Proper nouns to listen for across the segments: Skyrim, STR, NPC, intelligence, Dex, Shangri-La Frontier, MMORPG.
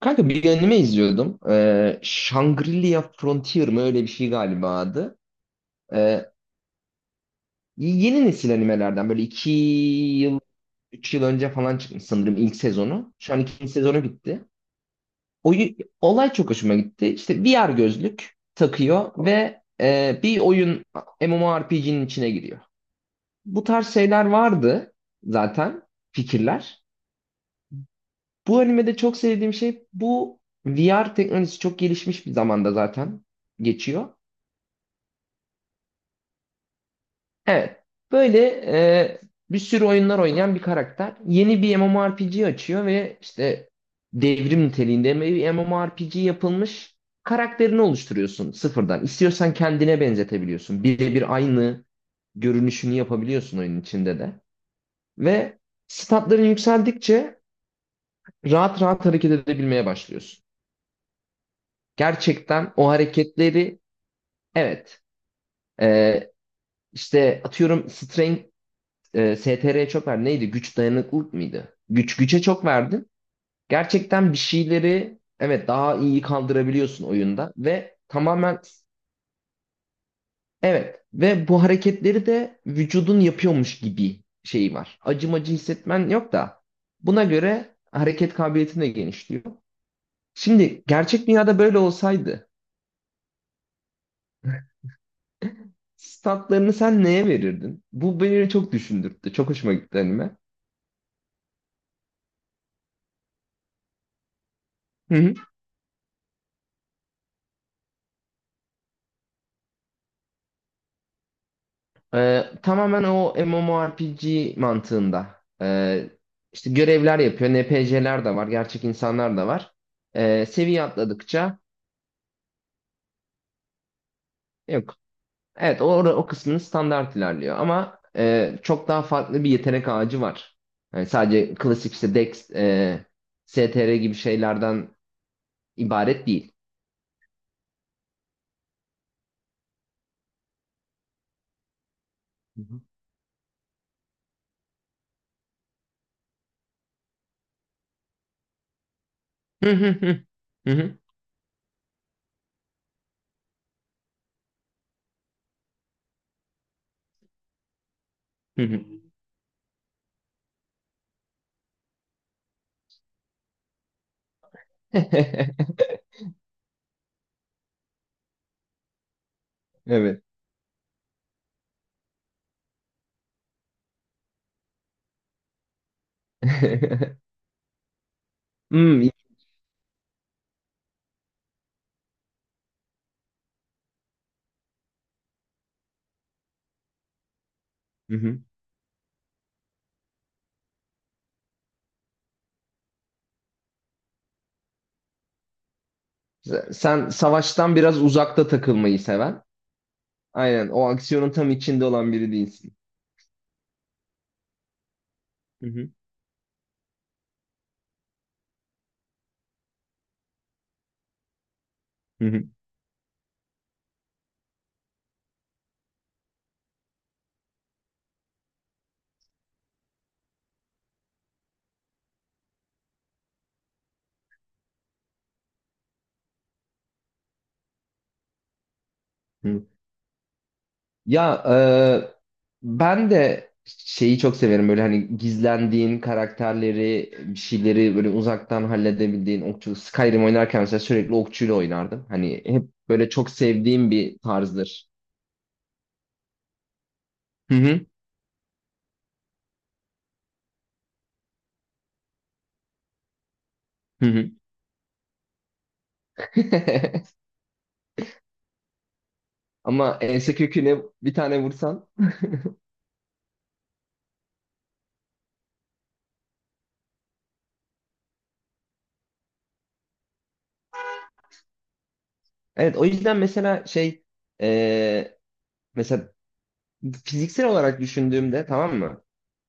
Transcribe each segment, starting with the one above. Kanka bir anime izliyordum. Shangri-La Frontier mı öyle bir şey galiba adı. Ee, Yeni nesil animelerden böyle iki yıl, üç yıl önce falan çıkmış sanırım ilk sezonu. Şu an ikinci sezonu bitti. Oyu, Olay çok hoşuma gitti. İşte VR gözlük takıyor ve bir oyun MMORPG'nin içine giriyor. Bu tarz şeyler vardı zaten fikirler. Bu animede çok sevdiğim şey bu VR teknolojisi çok gelişmiş bir zamanda zaten geçiyor. Evet. Böyle e, bir sürü oyunlar oynayan bir karakter. Yeni bir MMORPG açıyor ve işte devrim niteliğinde bir MMORPG yapılmış karakterini oluşturuyorsun sıfırdan. İstiyorsan kendine benzetebiliyorsun. Birebir aynı görünüşünü yapabiliyorsun oyunun içinde de. Ve statların yükseldikçe rahat rahat hareket edebilmeye başlıyorsun. Gerçekten o hareketleri evet, e, işte atıyorum strength, STR'ye çok verdin. Neydi? Güç dayanıklılık mıydı? Güce çok verdin. Gerçekten bir şeyleri evet, daha iyi kaldırabiliyorsun oyunda ve tamamen evet, ve bu hareketleri de vücudun yapıyormuş gibi şeyi var. Acımacı hissetmen yok da buna göre hareket kabiliyetin de genişliyor. Şimdi gerçek dünyada böyle olsaydı statlarını sen neye verirdin? Bu beni çok düşündürttü. Çok hoşuma gitti anime. Hı hı. Tamamen o MMORPG mantığında. İşte görevler yapıyor. NPC'ler de var. Gerçek insanlar da var. Seviye atladıkça yok. Evet, o kısmını standart ilerliyor. Ama çok daha farklı bir yetenek ağacı var. Yani sadece klasik işte Dex, STR gibi şeylerden ibaret değil. Hı hı hı. Hı hı hı hı. Evet. Hmm, iyi. Hı hı. Sen savaştan biraz uzakta takılmayı seven. Aynen o aksiyonun tam içinde olan biri değilsin. Hı hı. Hı hı. Hı. Ya e, ben de şeyi çok severim böyle hani gizlendiğin karakterleri bir şeyleri böyle uzaktan halledebildiğin okçu Skyrim oynarken mesela sürekli okçuyla oynardım. Hani hep böyle çok sevdiğim bir tarzdır. Hı hı. Hı hı. Ama ense köküne bir tane vursan. Evet o yüzden mesela şey, e, mesela fiziksel olarak düşündüğümde tamam mı?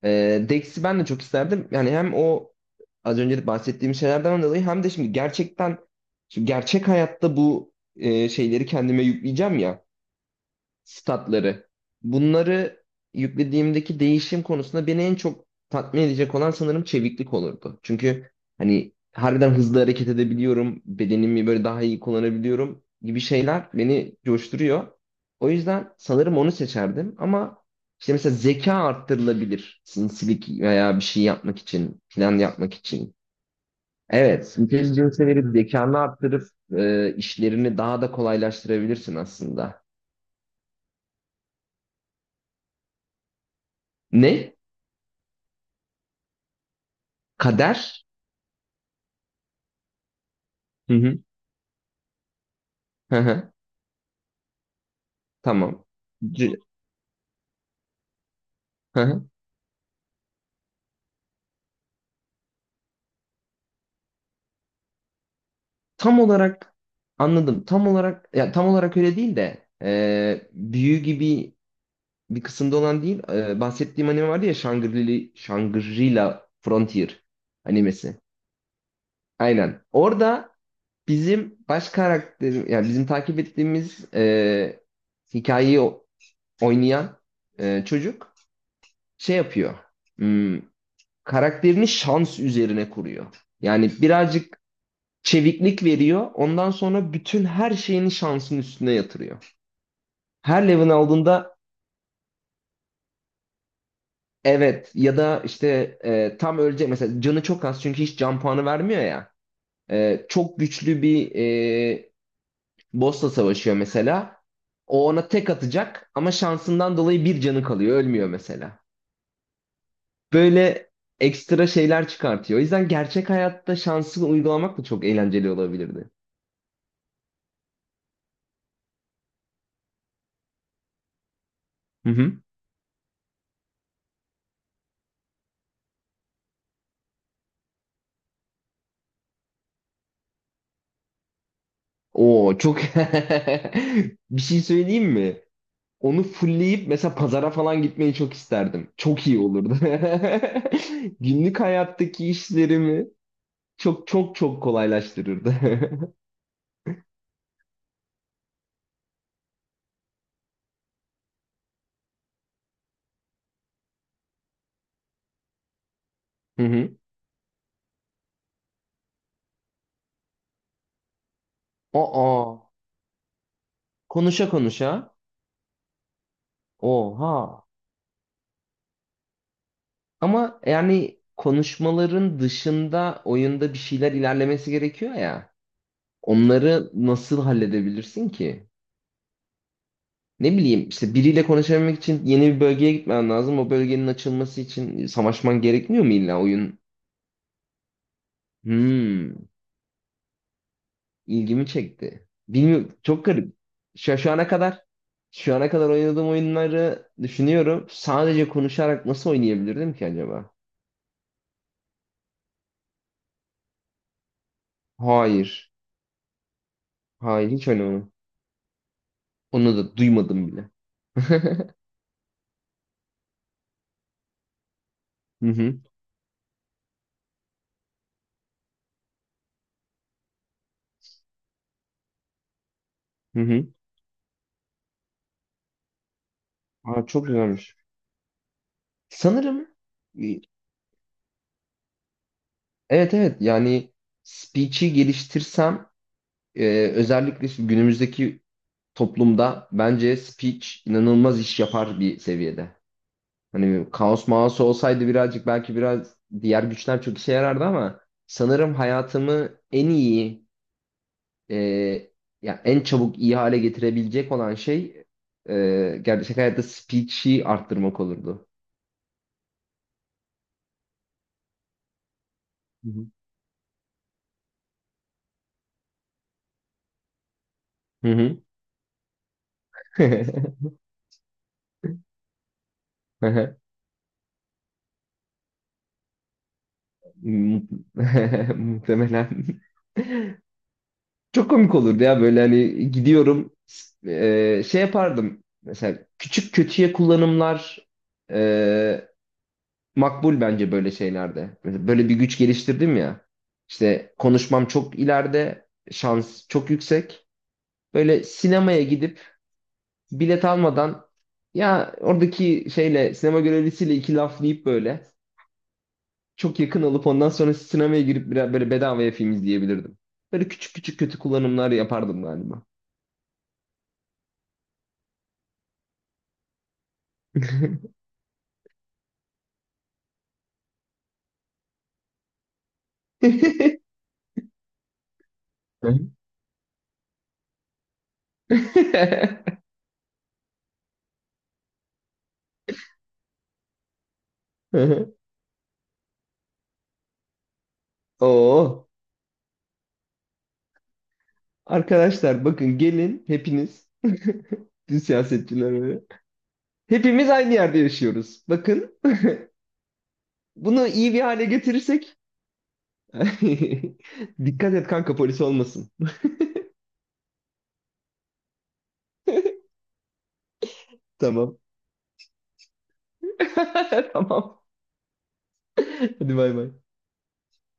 Dex'i ben de çok isterdim. Yani hem o az önce de bahsettiğim şeylerden dolayı hem de şimdi gerçek hayatta bu şeyleri kendime yükleyeceğim ya, statları. Bunları yüklediğimdeki değişim konusunda beni en çok tatmin edecek olan sanırım çeviklik olurdu. Çünkü hani harbiden hızlı hareket edebiliyorum, bedenimi böyle daha iyi kullanabiliyorum gibi şeyler beni coşturuyor. O yüzden sanırım onu seçerdim ama işte mesela zeka arttırılabilir. Sinsilik veya bir şey yapmak için, plan yapmak için. Evet, intelligence'e verip zekanı arttırıp işlerini daha da kolaylaştırabilirsin aslında. Ne? Kader? Hı hı. Hı hı. Tamam. C- Hı hı. Tam olarak anladım. Tam olarak, ya tam olarak öyle değil de, büyü gibi bir kısımda olan değil. Bahsettiğim anime vardı ya, Shangri-La Frontier animesi. Aynen. Orada bizim baş karakter, yani bizim takip ettiğimiz, hikayeyi oynayan çocuk şey yapıyor. Hmm, karakterini şans üzerine kuruyor. Yani birazcık çeviklik veriyor. Ondan sonra bütün her şeyini şansın üstüne yatırıyor. Her level aldığında evet, ya da işte tam ölecek mesela, canı çok az çünkü hiç can puanı vermiyor ya. Çok güçlü bir e, boss'la savaşıyor mesela. O ona tek atacak ama şansından dolayı bir canı kalıyor, ölmüyor mesela. Böyle ekstra şeyler çıkartıyor. O yüzden gerçek hayatta şansı uygulamak da çok eğlenceli olabilirdi. Hı hı. Oo çok, bir şey söyleyeyim mi? Onu fullleyip mesela pazara falan gitmeyi çok isterdim. Çok iyi olurdu. Günlük hayattaki işlerimi çok çok çok kolaylaştırırdı. Hı hı. Aa, konuşa konuşa. Oha. Ama yani konuşmaların dışında oyunda bir şeyler ilerlemesi gerekiyor ya. Onları nasıl halledebilirsin ki? Ne bileyim işte biriyle konuşabilmek için yeni bir bölgeye gitmen lazım. O bölgenin açılması için savaşman gerekmiyor mu illa oyun? Hmm. ilgimi çekti. Bilmiyorum, çok garip. Şu, şu ana kadar şu ana kadar oynadığım oyunları düşünüyorum. Sadece konuşarak nasıl oynayabilirdim ki acaba? Hayır. Hayır, hiç oynamadım. Onu da duymadım bile. Hı hı. Hı hı. Aa, çok güzelmiş. Sanırım e, evet evet, yani speech'i geliştirsem e, özellikle şu günümüzdeki toplumda bence speech inanılmaz iş yapar bir seviyede. Hani kaos maos olsaydı birazcık belki biraz diğer güçler çok işe yarardı ama sanırım hayatımı en iyi, e, ya en çabuk iyi hale getirebilecek olan şey gerçek hayatta speech'i arttırmak olurdu. Hı hı. Hı hı. Mu- Muhtemelen. Çok komik olurdu ya, böyle hani gidiyorum şey yapardım mesela, küçük kötüye kullanımlar e, makbul bence böyle şeylerde. Mesela böyle bir güç geliştirdim ya. İşte konuşmam çok ileride, şans çok yüksek. Böyle sinemaya gidip bilet almadan, ya oradaki şeyle sinema görevlisiyle iki laf deyip böyle çok yakın alıp ondan sonra sinemaya girip biraz böyle bedavaya film izleyebilirdim. Böyle küçük küçük kötü kullanımlar yapardım galiba. Oo. Arkadaşlar bakın, gelin hepiniz, siz siyasetçiler, hepimiz aynı yerde yaşıyoruz. Bakın bunu iyi bir hale getirirsek. Dikkat et kanka, polis olmasın. Tamam. Tamam. Hadi bay bay.